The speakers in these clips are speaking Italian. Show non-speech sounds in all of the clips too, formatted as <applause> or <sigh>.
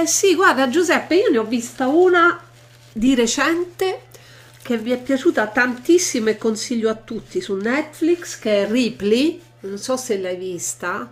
Eh sì, guarda Giuseppe, io ne ho vista una di recente che vi è piaciuta tantissimo e consiglio a tutti su Netflix, che è Ripley, non so se l'hai vista.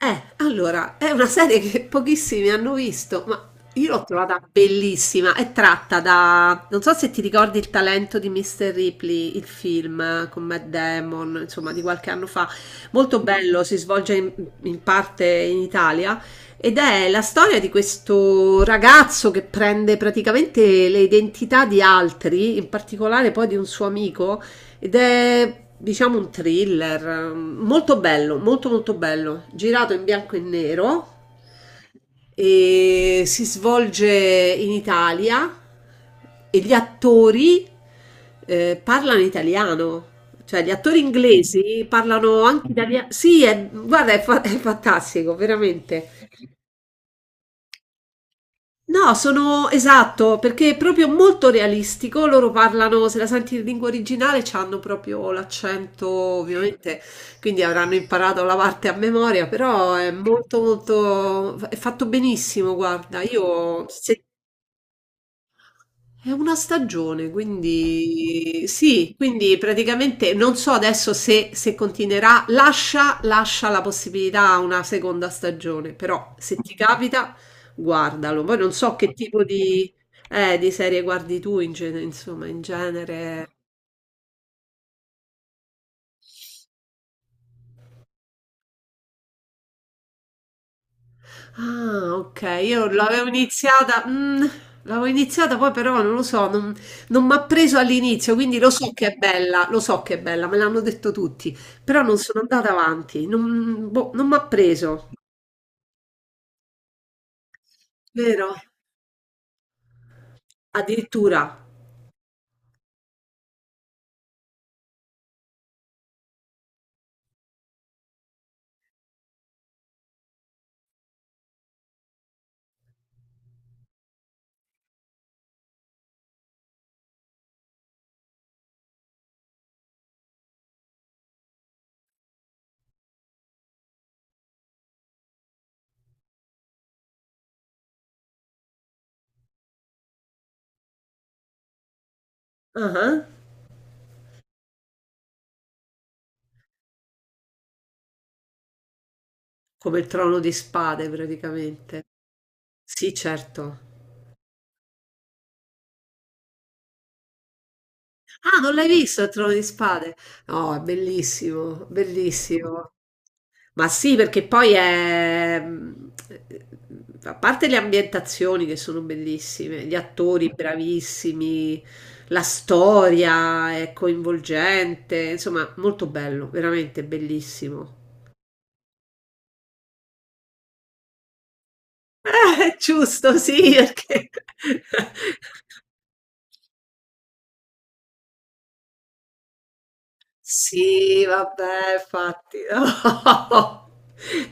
Allora, è una serie che pochissimi hanno visto, ma io l'ho trovata bellissima. È tratta da... Non so se ti ricordi il talento di Mr. Ripley, il film con Matt Damon, insomma, di qualche anno fa. Molto bello, si svolge in parte in Italia ed è la storia di questo ragazzo che prende praticamente le identità di altri, in particolare poi di un suo amico ed è, diciamo, un thriller molto bello, molto molto bello, girato in bianco e nero e si svolge in Italia e gli attori parlano italiano. Cioè, gli attori inglesi parlano anche italiano. Sì, guarda, è, è fantastico, veramente. No, sono esatto, perché è proprio molto realistico. Loro parlano, se la senti in lingua originale, hanno proprio l'accento, ovviamente, quindi avranno imparato la parte a memoria, però è molto molto è fatto benissimo, guarda. Io se è una stagione, quindi sì, quindi praticamente non so adesso se, se continuerà, lascia, lascia la possibilità a una seconda stagione, però se ti capita guardalo. Poi non so che tipo di serie guardi tu in genere, insomma, in genere. Ah, ok, io l'avevo iniziata, l'avevo iniziata poi però non lo so, non, non mi ha preso all'inizio, quindi lo so che è bella, lo so che è bella, me l'hanno detto tutti, però non sono andata avanti, non, boh, non mi ha preso, vero? Addirittura, ah, come il Trono di Spade praticamente. Sì, certo. Ah, non l'hai visto il Trono di Spade? No, è bellissimo, bellissimo. Ma sì, perché poi è... A parte le ambientazioni che sono bellissime, gli attori bravissimi, la storia è coinvolgente, insomma, molto bello, veramente bellissimo. <laughs> Giusto, sì, perché <laughs> Sì, vabbè, infatti. <laughs>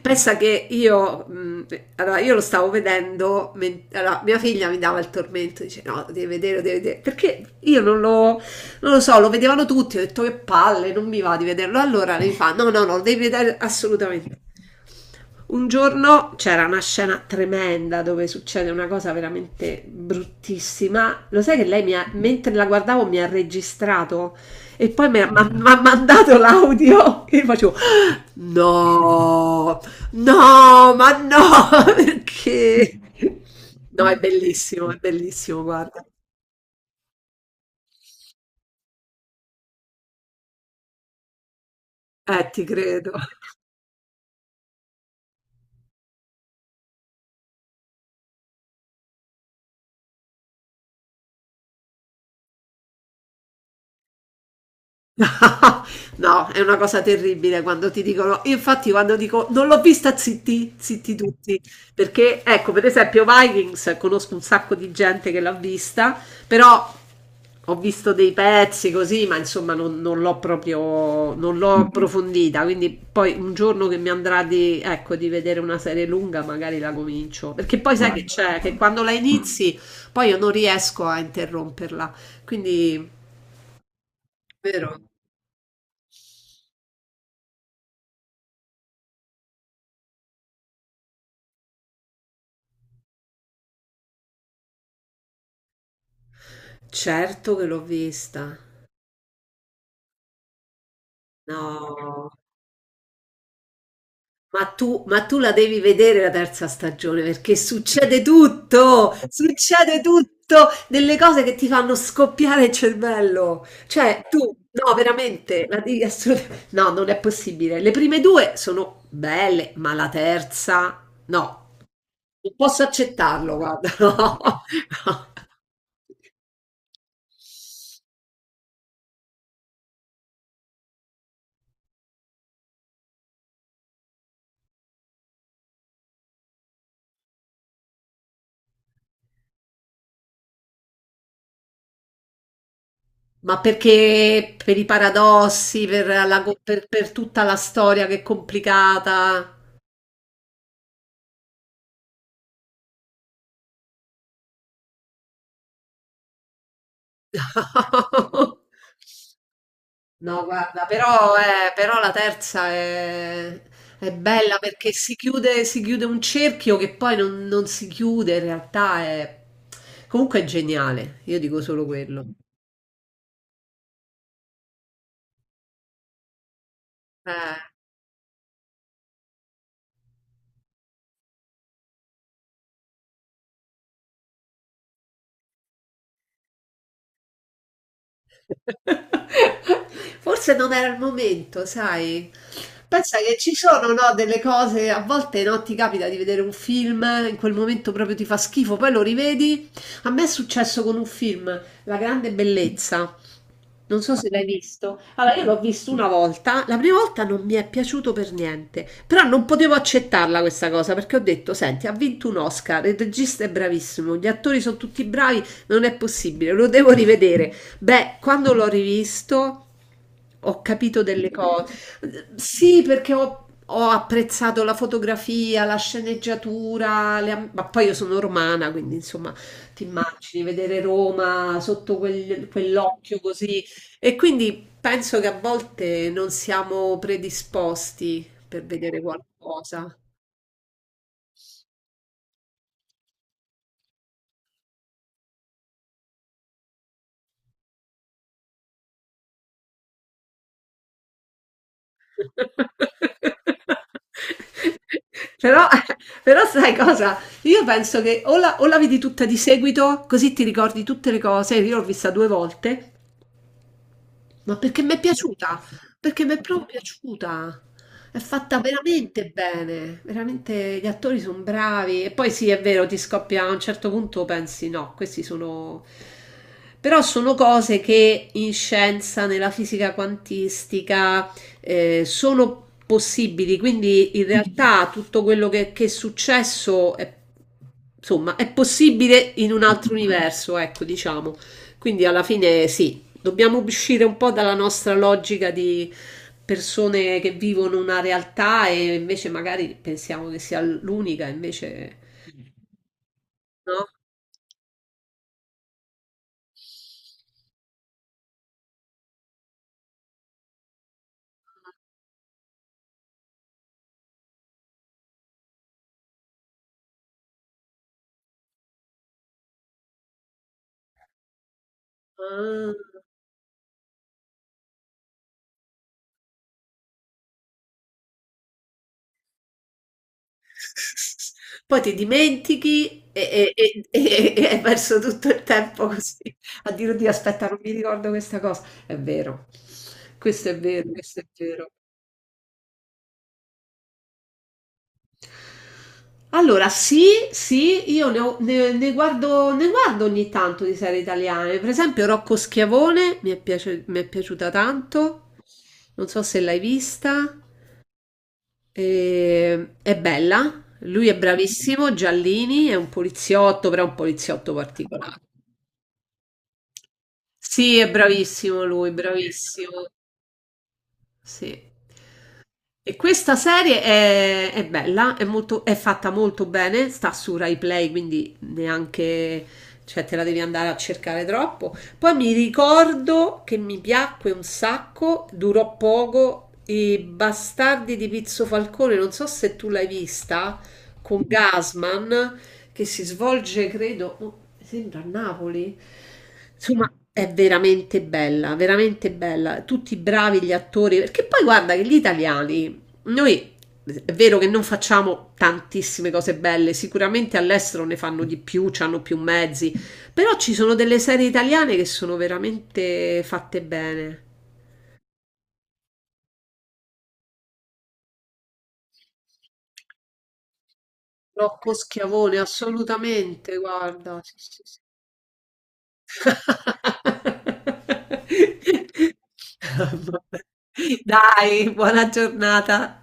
Pensa che io, allora, io lo stavo vedendo, allora, mia figlia mi dava il tormento, dice no, lo devi vedere, perché io non lo, non lo so, lo vedevano tutti, ho detto che palle, non mi va di vederlo, allora lei fa no, no, no, lo devi vedere assolutamente. Un giorno c'era una scena tremenda dove succede una cosa veramente bruttissima, lo sai che lei mi ha, mentre la guardavo mi ha registrato? E poi mi ha mandato l'audio e io facevo no, no, ma no, <laughs> perché? No, è bellissimo, guarda. Ti credo. <laughs> No, è una cosa terribile quando ti dicono infatti quando dico: "Non l'ho vista" zitti, zitti tutti, perché ecco, per esempio Vikings conosco un sacco di gente che l'ha vista, però ho visto dei pezzi così, ma insomma non, non l'ho proprio, non l'ho approfondita, quindi poi un giorno che mi andrà di, ecco, di vedere una serie lunga magari la comincio, perché poi sai che guarda. C'è, che quando la inizi poi io non riesco a interromperla, quindi vero? Certo che l'ho vista. No, ma tu la devi vedere la terza stagione perché succede tutto, delle cose che ti fanno scoppiare il cervello. Cioè, tu, no, veramente, la devi assolutamente... No, non è possibile. Le prime due sono belle, ma la terza, no, non posso accettarlo, guarda, <laughs> no. No. Ma perché per i paradossi, per, per tutta la storia che è complicata? <laughs> No, guarda, però, però la terza è bella perché si chiude un cerchio che poi non, non si chiude, in realtà è... Comunque è geniale, io dico solo quello. Eh, <laughs> forse non era il momento, sai? Pensa che ci sono, no, delle cose, a volte no, ti capita di vedere un film, in quel momento proprio ti fa schifo, poi lo rivedi. A me è successo con un film, La grande bellezza. Non so se l'hai visto. Allora, io l'ho visto una volta, la prima volta non mi è piaciuto per niente, però non potevo accettarla questa cosa perché ho detto, senti, ha vinto un Oscar, il regista è bravissimo, gli attori sono tutti bravi, non è possibile, lo devo rivedere. Beh, quando l'ho rivisto ho capito delle cose. Sì, perché ho... Ho apprezzato la fotografia, la sceneggiatura, ma poi io sono romana, quindi insomma ti immagini vedere Roma sotto quell'occhio così e quindi penso che a volte non siamo predisposti per vedere qualcosa. <laughs> Però, però sai cosa? Io penso che o la vedi tutta di seguito, così ti ricordi tutte le cose. Io l'ho vista due volte ma perché mi è piaciuta? Perché mi è proprio piaciuta. È fatta veramente bene, veramente gli attori sono bravi. E poi sì, è vero, ti scoppia a un certo punto, pensi no, questi sono... Però sono cose che in scienza, nella fisica quantistica, sono possibili. Quindi in realtà tutto quello che è successo è, insomma, è possibile in un altro universo, ecco, diciamo. Quindi alla fine sì, dobbiamo uscire un po' dalla nostra logica di persone che vivono una realtà e invece magari pensiamo che sia l'unica, invece no. Ah. Poi ti dimentichi e hai perso tutto il tempo così a dire, oddio, aspetta, non mi ricordo questa cosa. È vero, questo è vero, questo è vero. Allora, sì, sì, ne guardo ogni tanto di serie italiane. Per esempio, Rocco Schiavone mi è piaciuta tanto. Non so se l'hai vista. È bella. Lui è bravissimo. Giallini è un poliziotto, però è un poliziotto particolare. Sì, è bravissimo lui, bravissimo. Sì. E questa serie è bella, è molto, è fatta molto bene, sta su Rai Play, quindi neanche, cioè te la devi andare a cercare troppo. Poi mi ricordo che mi piacque un sacco, durò poco, i Bastardi di Pizzo Falcone, non so se tu l'hai vista, con Gasman, che si svolge, credo, oh, sembra a Napoli. Insomma, è veramente bella, veramente bella. Tutti bravi gli attori, perché poi guarda che gli italiani noi è vero che non facciamo tantissime cose belle, sicuramente all'estero ne fanno di più, hanno più mezzi, però ci sono delle serie italiane che sono veramente fatte bene. Rocco Schiavone, assolutamente, guarda, sì, sì, sì. <laughs> Vabbè. Dai, buona giornata.